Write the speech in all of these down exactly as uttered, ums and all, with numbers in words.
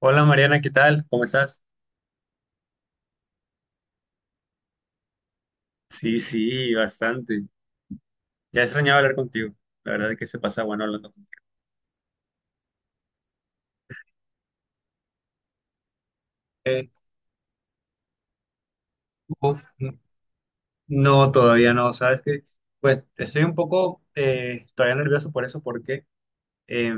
Hola Mariana, ¿qué tal? ¿Cómo estás? Sí, sí, bastante. Ya extrañaba hablar contigo. La verdad es que se pasa bueno hablando contigo. Eh, Uf, no, todavía no. Sabes que, pues, estoy un poco eh, todavía nervioso por eso, porque eh,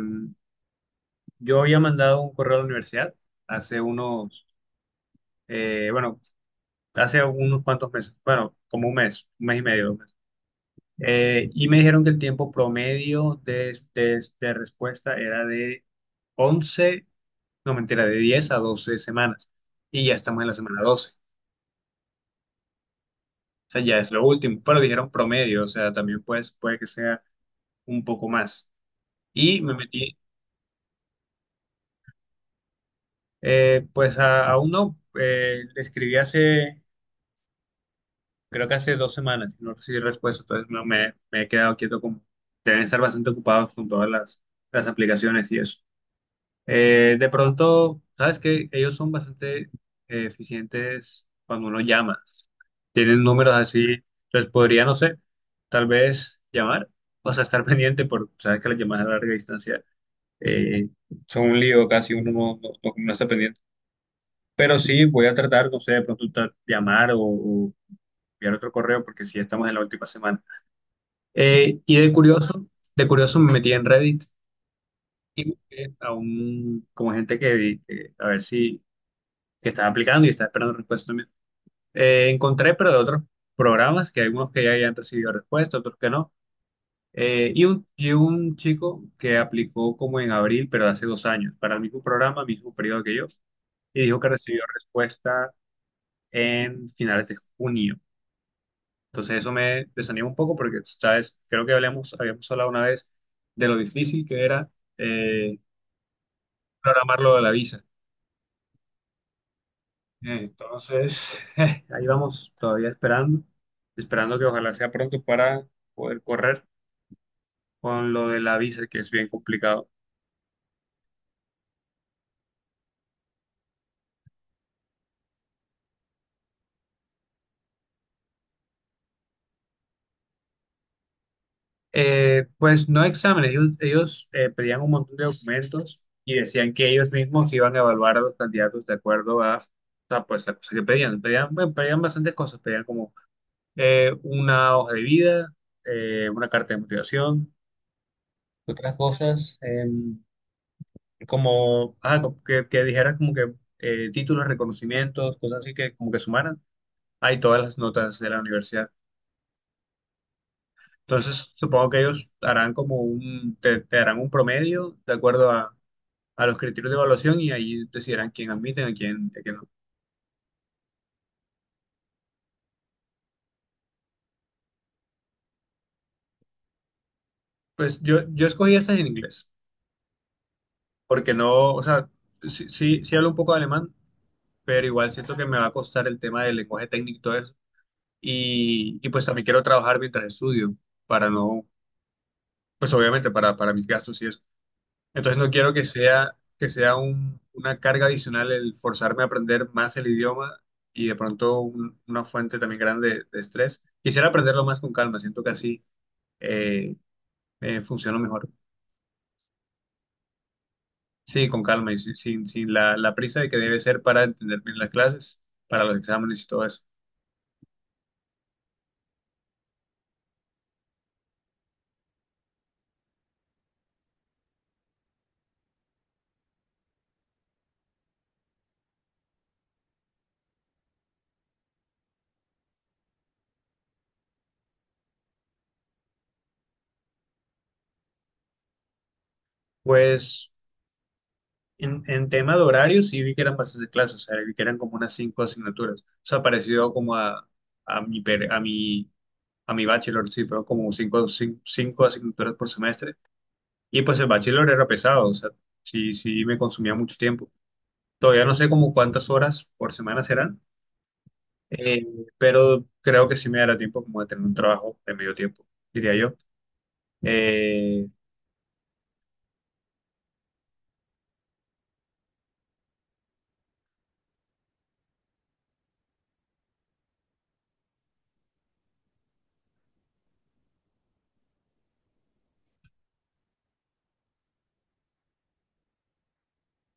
yo había mandado un correo a la universidad hace unos, eh, bueno, hace unos cuantos meses, bueno, como un mes, un mes y medio, dos meses. Eh, y me dijeron que el tiempo promedio de, de de respuesta era de once, no mentira, de diez a doce semanas. Y ya estamos en la semana doce. O sea, ya es lo último. Pero dijeron promedio, o sea, también pues, puede que sea un poco más. Y me metí, eh, pues a, a uno, eh, le escribí hace, creo que hace dos semanas, y no recibí respuesta, entonces no, me, me he quedado quieto como, deben estar bastante ocupados con todas las, las aplicaciones y eso. Eh, de pronto, sabes que ellos son bastante eh, eficientes cuando uno llama. Tienen números así, les podría, no sé, tal vez llamar, o sea, estar pendiente, porque sabes que las llamadas a larga distancia eh, son un lío, casi uno no, no, no- no está pendiente. Pero sí, voy a tratar, no sé, de pronto tra- llamar o, o enviar otro correo, porque sí estamos en la última semana. Eh, y de curioso, de curioso me metí en Reddit y busqué a un, como gente que, que- a ver si que estaba aplicando y estaba esperando respuesta también. Eh, encontré, pero de otros programas, que algunos que ya hayan recibido respuesta, otros que no. Eh, y un, y un chico que aplicó como en abril, pero hace dos años, para el mismo programa, mismo periodo que yo, y dijo que recibió respuesta en finales de junio. Entonces eso me desanima un poco porque, ¿sabes? Creo que hablamos, habíamos hablado una vez de lo difícil que era eh, programar lo de la visa. Entonces, ahí vamos, todavía esperando, esperando que ojalá sea pronto para poder correr con lo de la visa, que es bien complicado. Eh, pues no exámenes, ellos, ellos, eh, pedían un montón de documentos y decían que ellos mismos iban a evaluar a los candidatos de acuerdo a, o sea, pues, la cosa que pedían. Pedían, bueno, pedían bastantes cosas, pedían como eh, una hoja de vida, eh, una carta de motivación, otras cosas. eh, como, ah, co- que, que dijeras como que eh, títulos, reconocimientos, cosas así que como que sumaran, hay todas las notas de la universidad. Entonces, supongo que ellos harán como un, te, te harán un promedio de acuerdo a, a los criterios de evaluación y ahí decidirán quién admiten, a quién, a quién no. Pues yo, yo escogí estas en inglés, porque no, o sea, sí, sí, sí hablo un poco de alemán, pero igual siento que me va a costar el tema del lenguaje técnico y todo eso. Y, y pues también quiero trabajar mientras estudio, para no, pues obviamente para, para mis gastos y eso. Entonces no quiero que sea, que sea un- una carga adicional el forzarme a aprender más el idioma y de pronto un- una fuente también grande de, de estrés. Quisiera aprenderlo más con calma, siento que así eh, eh, funciona mejor. Sí, con calma y sin, sin sin la, la prisa de que debe ser para entender bien las clases, para los exámenes y todo eso. Pues en, en tema de horarios sí vi que eran bastantes clases, o sea, vi que eran como unas cinco asignaturas, o sea, parecido como a, a mi, per- a mi a mi bachelor, sí, fueron como cinco, cin- cinco asignaturas por semestre. Y pues el bachelor era pesado, o sea, sí, sí me consumía mucho tiempo. Todavía no sé como cuántas horas por semana serán, eh, pero creo que sí me dará tiempo como de tener un trabajo de medio tiempo, diría yo. Eh,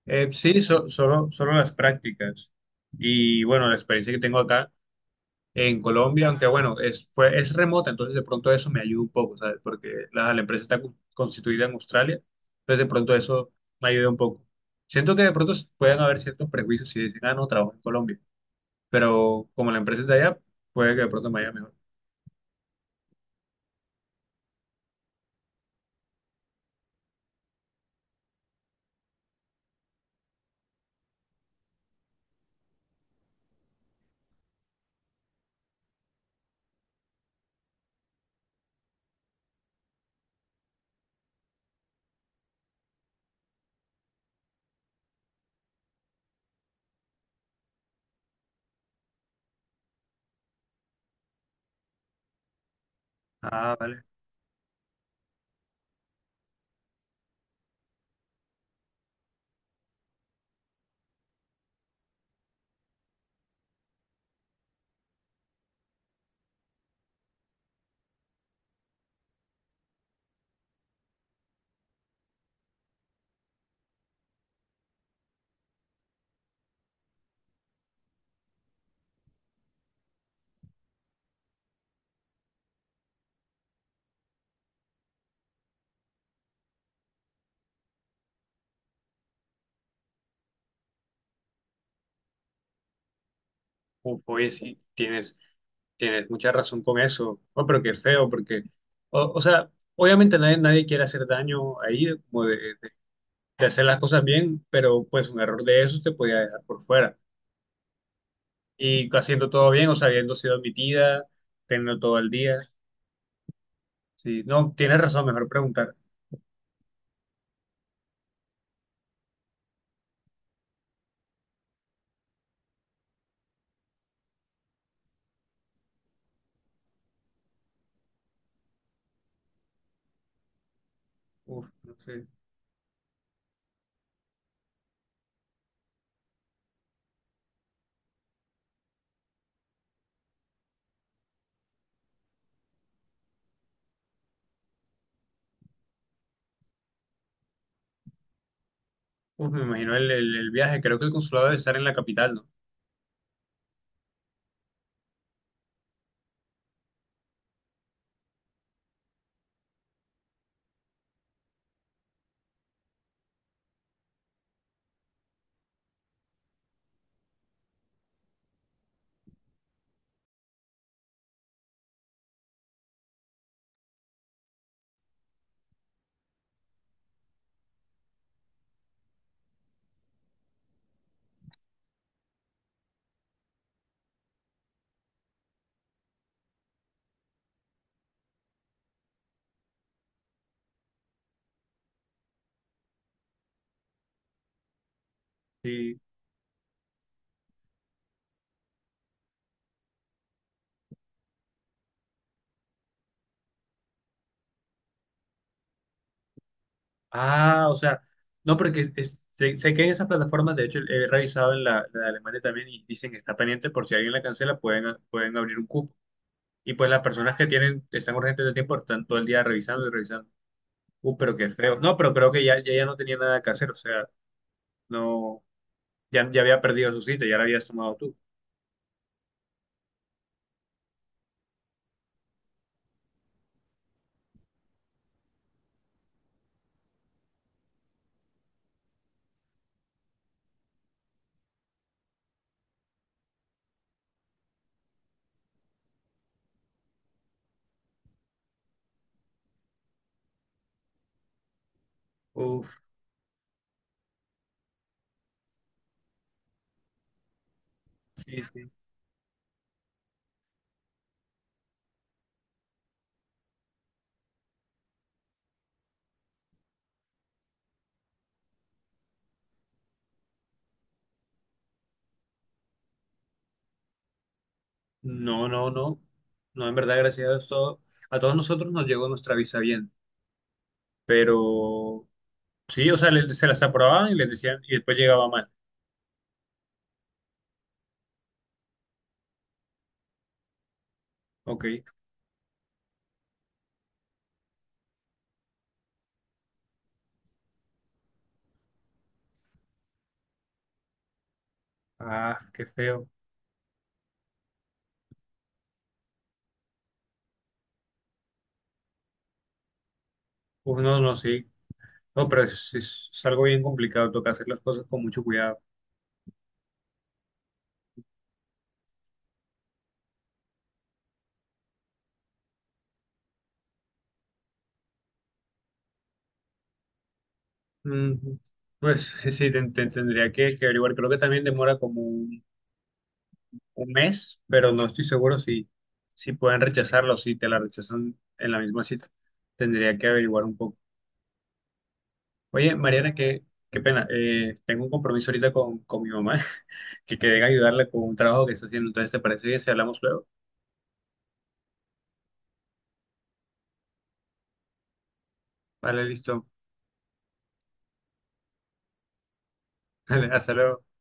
eh, sí, so- solo, solo las prácticas. Y bueno, la experiencia que tengo acá en Colombia, aunque bueno, es, fue, es remota, entonces de pronto eso me ayuda un poco, ¿sabes? Porque la, la empresa está cu- constituida en Australia, entonces de pronto eso me ayuda un poco. Siento que de pronto s- pueden haber ciertos prejuicios si dicen, ah, no, trabajo en Colombia, pero como la empresa es de allá, puede que de pronto me vaya mejor. Ah, vale. Uf, oye, sí, tienes, tienes mucha razón con eso. Oh, pero qué feo, porque, o, o sea, obviamente nadie, nadie quiere hacer daño ahí, como de, de de hacer las cosas bien, pero pues un error de esos te podía dejar por fuera. Y haciendo todo bien, o sea, habiendo sido admitida, teniendo todo el día. Sí, no, tienes razón, mejor preguntar. Uf, no sé. Uf, me imagino el, el- el viaje. Creo que el consulado debe estar en la capital, ¿no? Sí. Ah, o sea, no, porque es- es- sé, sé que en esas plataformas, de hecho, he revisado en la, la de Alemania también y dicen que está pendiente por si alguien la cancela, pueden, pueden abrir un cupo. Y pues las personas que tienen, están urgentes de tiempo, están todo el día revisando y revisando. Uh, pero qué feo. No, pero creo que ya, ya, ya no tenía nada que hacer, o sea, no. Ya, ya había perdido su cita, ya la habías tomado tú. Uf, sí, sí. No, no, no. No, en verdad, gracias a Dios, todo- a todos nosotros nos llegó nuestra visa bien. Pero sí, o sea, le- se las aprobaban y les decían, y después llegaba mal. Ok. Ah, qué feo. Uf, no, no, sí. No, pero es, es- es algo bien complicado, toca hacer las cosas con mucho cuidado. Ujú. Pues sí, te ten- tendría que, que averiguar. Creo que también demora como un mes, pero no estoy seguro si, si pueden rechazarlo, si te la rechazan en la misma cita. Tendría que averiguar un poco. Oye, Mariana, qué, qué pena. Eh, tengo un compromiso ahorita con, con mi mamá, que quedé en ayudarle con un trabajo que está haciendo. Entonces, ¿te parece bien si hablamos luego? Vale, listo. Vale, hasta luego.